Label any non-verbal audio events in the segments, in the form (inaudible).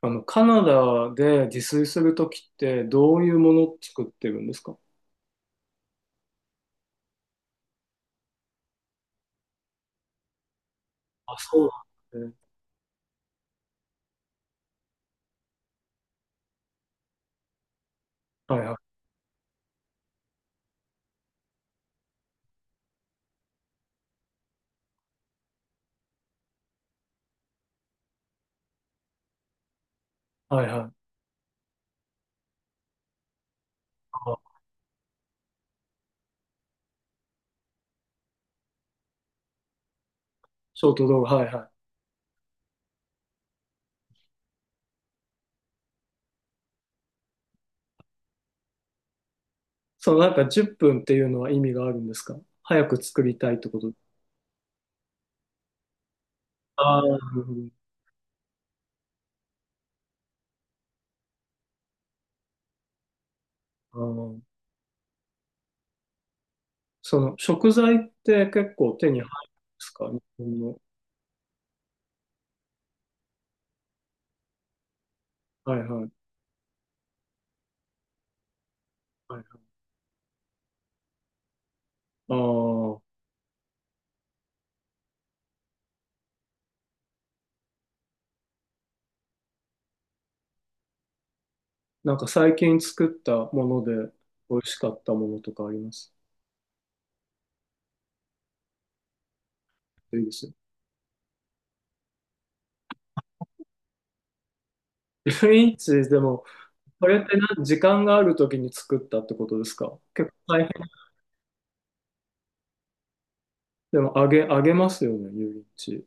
カナダで自炊するときってどういうものを作ってるんですか？あ、そうなんですね。はいはい。はいはい。あショート動画、はいはい。そのなんか10分っぷんっていうのは意味があるんですか？早く作りたいってこと？ああー、なるほど。あー。その食材って結構手に入るんですか、日本の？はいはい。はいはい。ああ、なんか最近作ったもので美味しかったものとかあります？いいですよ。1インチでも。これってな、時間があるときに作ったってことですか？結構大変。でも、揚げますよね、油淋鶏。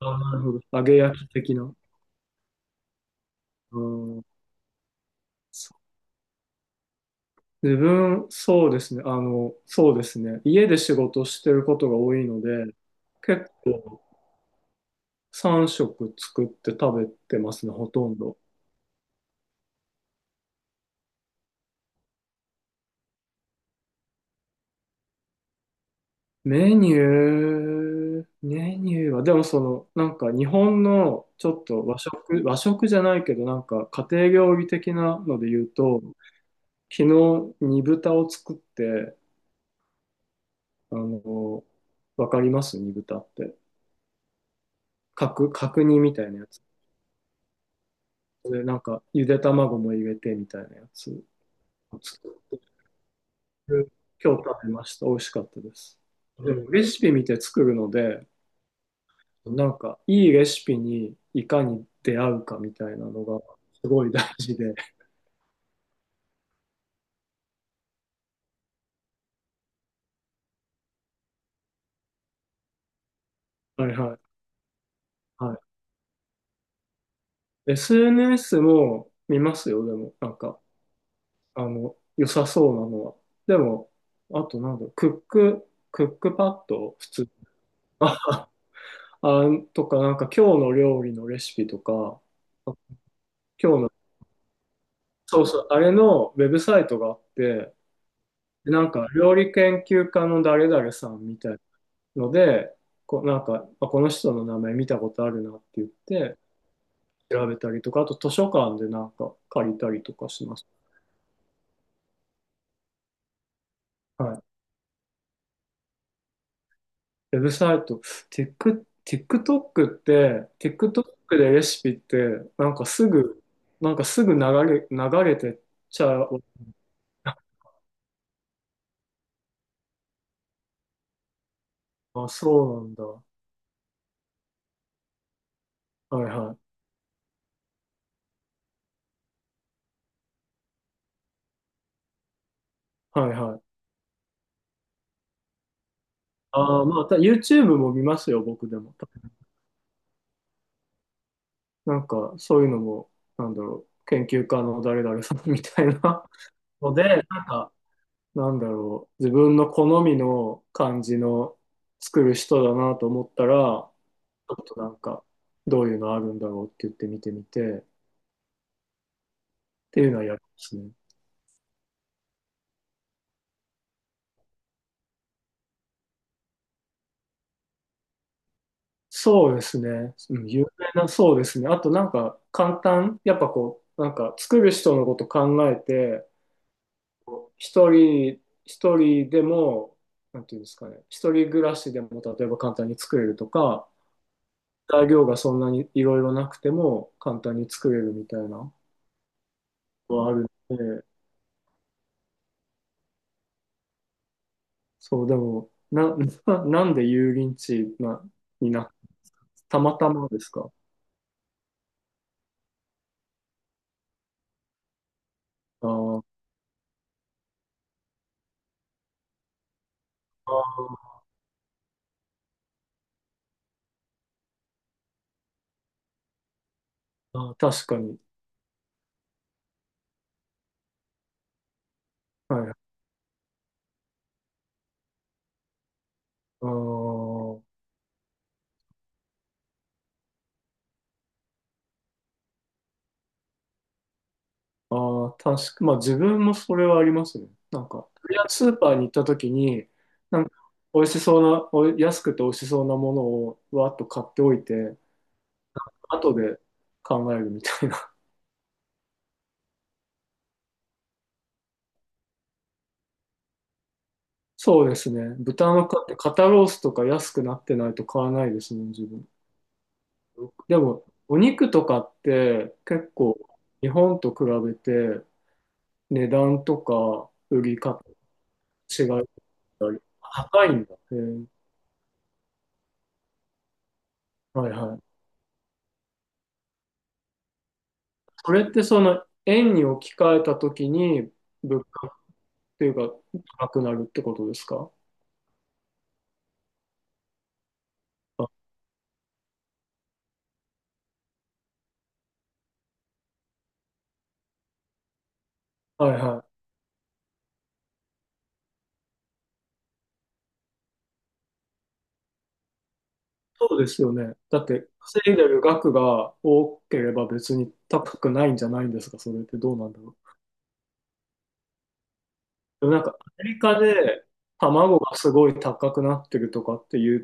あ、なるほど。揚げ焼き的な。うん。そう。自分、そうですね。そうですね。家で仕事してることが多いので、結構3食作って食べてますね、ほとんど。メニューは、でもその、なんか日本のちょっと和食、和食じゃないけど、なんか家庭料理的なので言うと、昨日、煮豚を作って、あの、わかります、煮豚って？角煮みたいなやつ。で、なんか、ゆで卵も入れて、みたいなやつを作って、今日食べました。美味しかったです。でも、レシピ見て作るので、なんか、いいレシピにいかに出会うかみたいなのが、すごい大事で。はいはい。はい。SNS も見ますよ、でも、なんか。良さそうなのは。でも、あとなんだろう、クックパッド、普通。(laughs) あ、あとか、なんか今日の料理のレシピとか、あ今日の、そうそう、あれのウェブサイトがあって、でなんか料理研究家の誰々さんみたいので、こう、なんか、あ、この人の名前見たことあるなって言って、調べたりとか、あと図書館でなんか借りたりとかします。はい。ウェブサイト、テック、TikTok って、TikTok でレシピって、なんかすぐ、なんかすぐ流れてっちゃう。あ、そうなんだ。はいはい。はいはい。ああ、まあ、YouTube も見ますよ、僕でも。なんか、そういうのも、なんだろう、研究家の誰々さんみたいな (laughs) ので、なんか、なんだろう、自分の好みの感じの作る人だなと思ったら、ちょっとなんか、どういうのあるんだろうって言って見てみて、っていうのはやりますね。そうですね。うん、有名な、そうですね。あとなんか、簡単、やっぱこう、なんか、作る人のこと考えて、一人、一人でも、なんていうんですかね、一人暮らしでも、例えば簡単に作れるとか、材料がそんなにいろいろなくても、簡単に作れるみたいなのはあるので、そう、でも、な、(laughs) なんで油淋鶏な、にな、たまたまですか？あー。あー、確かに。はい。あー。あー、確か、まあ自分もそれはありますね。なんか、とりあえずスーパーに行った時に、なんか、美味しそうな、お安くて美味しそうなものをわーっと買っておいて、後で考えるみたいな。(laughs) そうですね。豚の買って肩ロースとか安くなってないと買わないですね、自分。でも、お肉とかって結構日本と比べて値段とか売り方違い。高いんだ。へー。はいはい。それってその円に置き換えたときに、物価っていうか高くなるってことですか？あ、はいはい。そうですよね。だって稼いでる額が多ければ別に高くないんじゃないんですか？それってどうなんだろう。でもなんかアメリカで卵がすごい高くなってるとかって言っ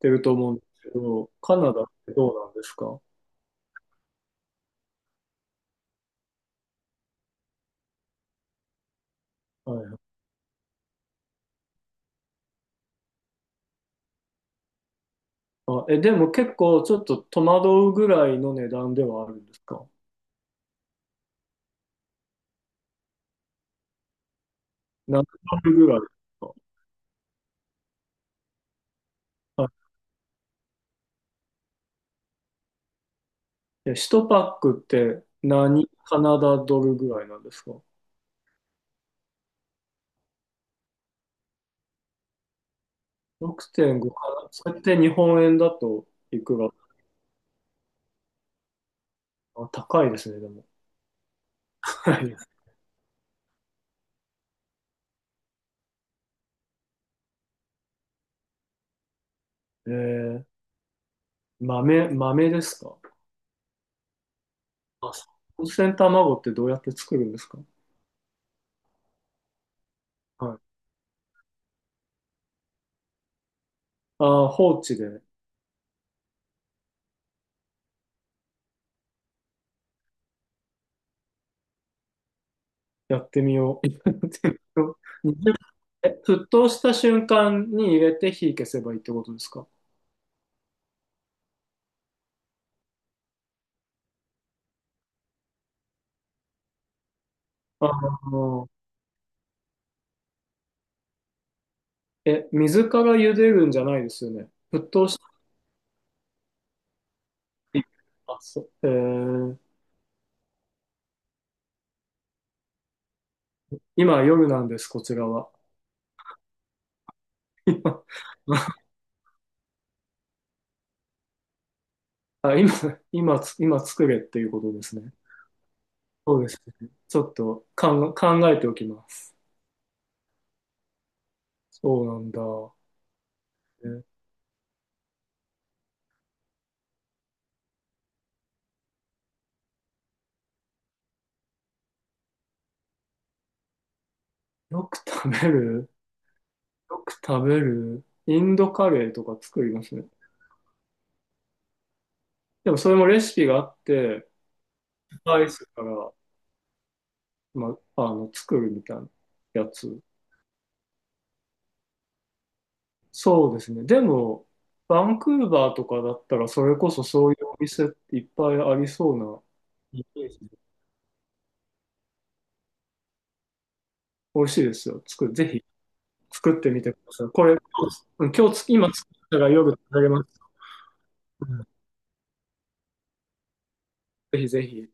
てると思うんですけど、カナダってどうなんですか？はいはい。あ、え、でも結構ちょっと戸惑うぐらいの値段ではあるんですか？何ドルぐらいですか？あ、え、1パックって何カナダドルぐらいなんですか？ 6.5 かな、それって日本円だといくら？あ、高いですね、でも。高い。えー、豆ですか？あ、温泉卵ってどうやって作るんですか？はい。あー、放置で。やってみよう。(laughs) やってみようにじゅう沸騰した瞬間に入れて火消せばいいってことですか？ああー。え、水から茹でるんじゃないですよね。沸騰。あ、そう。えー、今夜なんです、こちらは。(laughs) 今、あ、今、今つ、今作れっていうことですね。そうですね。ちょっと考え考えておきます。そうなんだ。え、よく食べるよく食べるインドカレーとか作りますね。でもそれもレシピがあって、スパイスから、ま、作るみたいなやつ。そうですね。でも、バンクーバーとかだったら、それこそそういうお店っていっぱいありそうな、イメージで。美味しいですよ。ぜひ作ってみてください。これ、今日、今作ったら夜食べれます。うん。ぜひぜひ。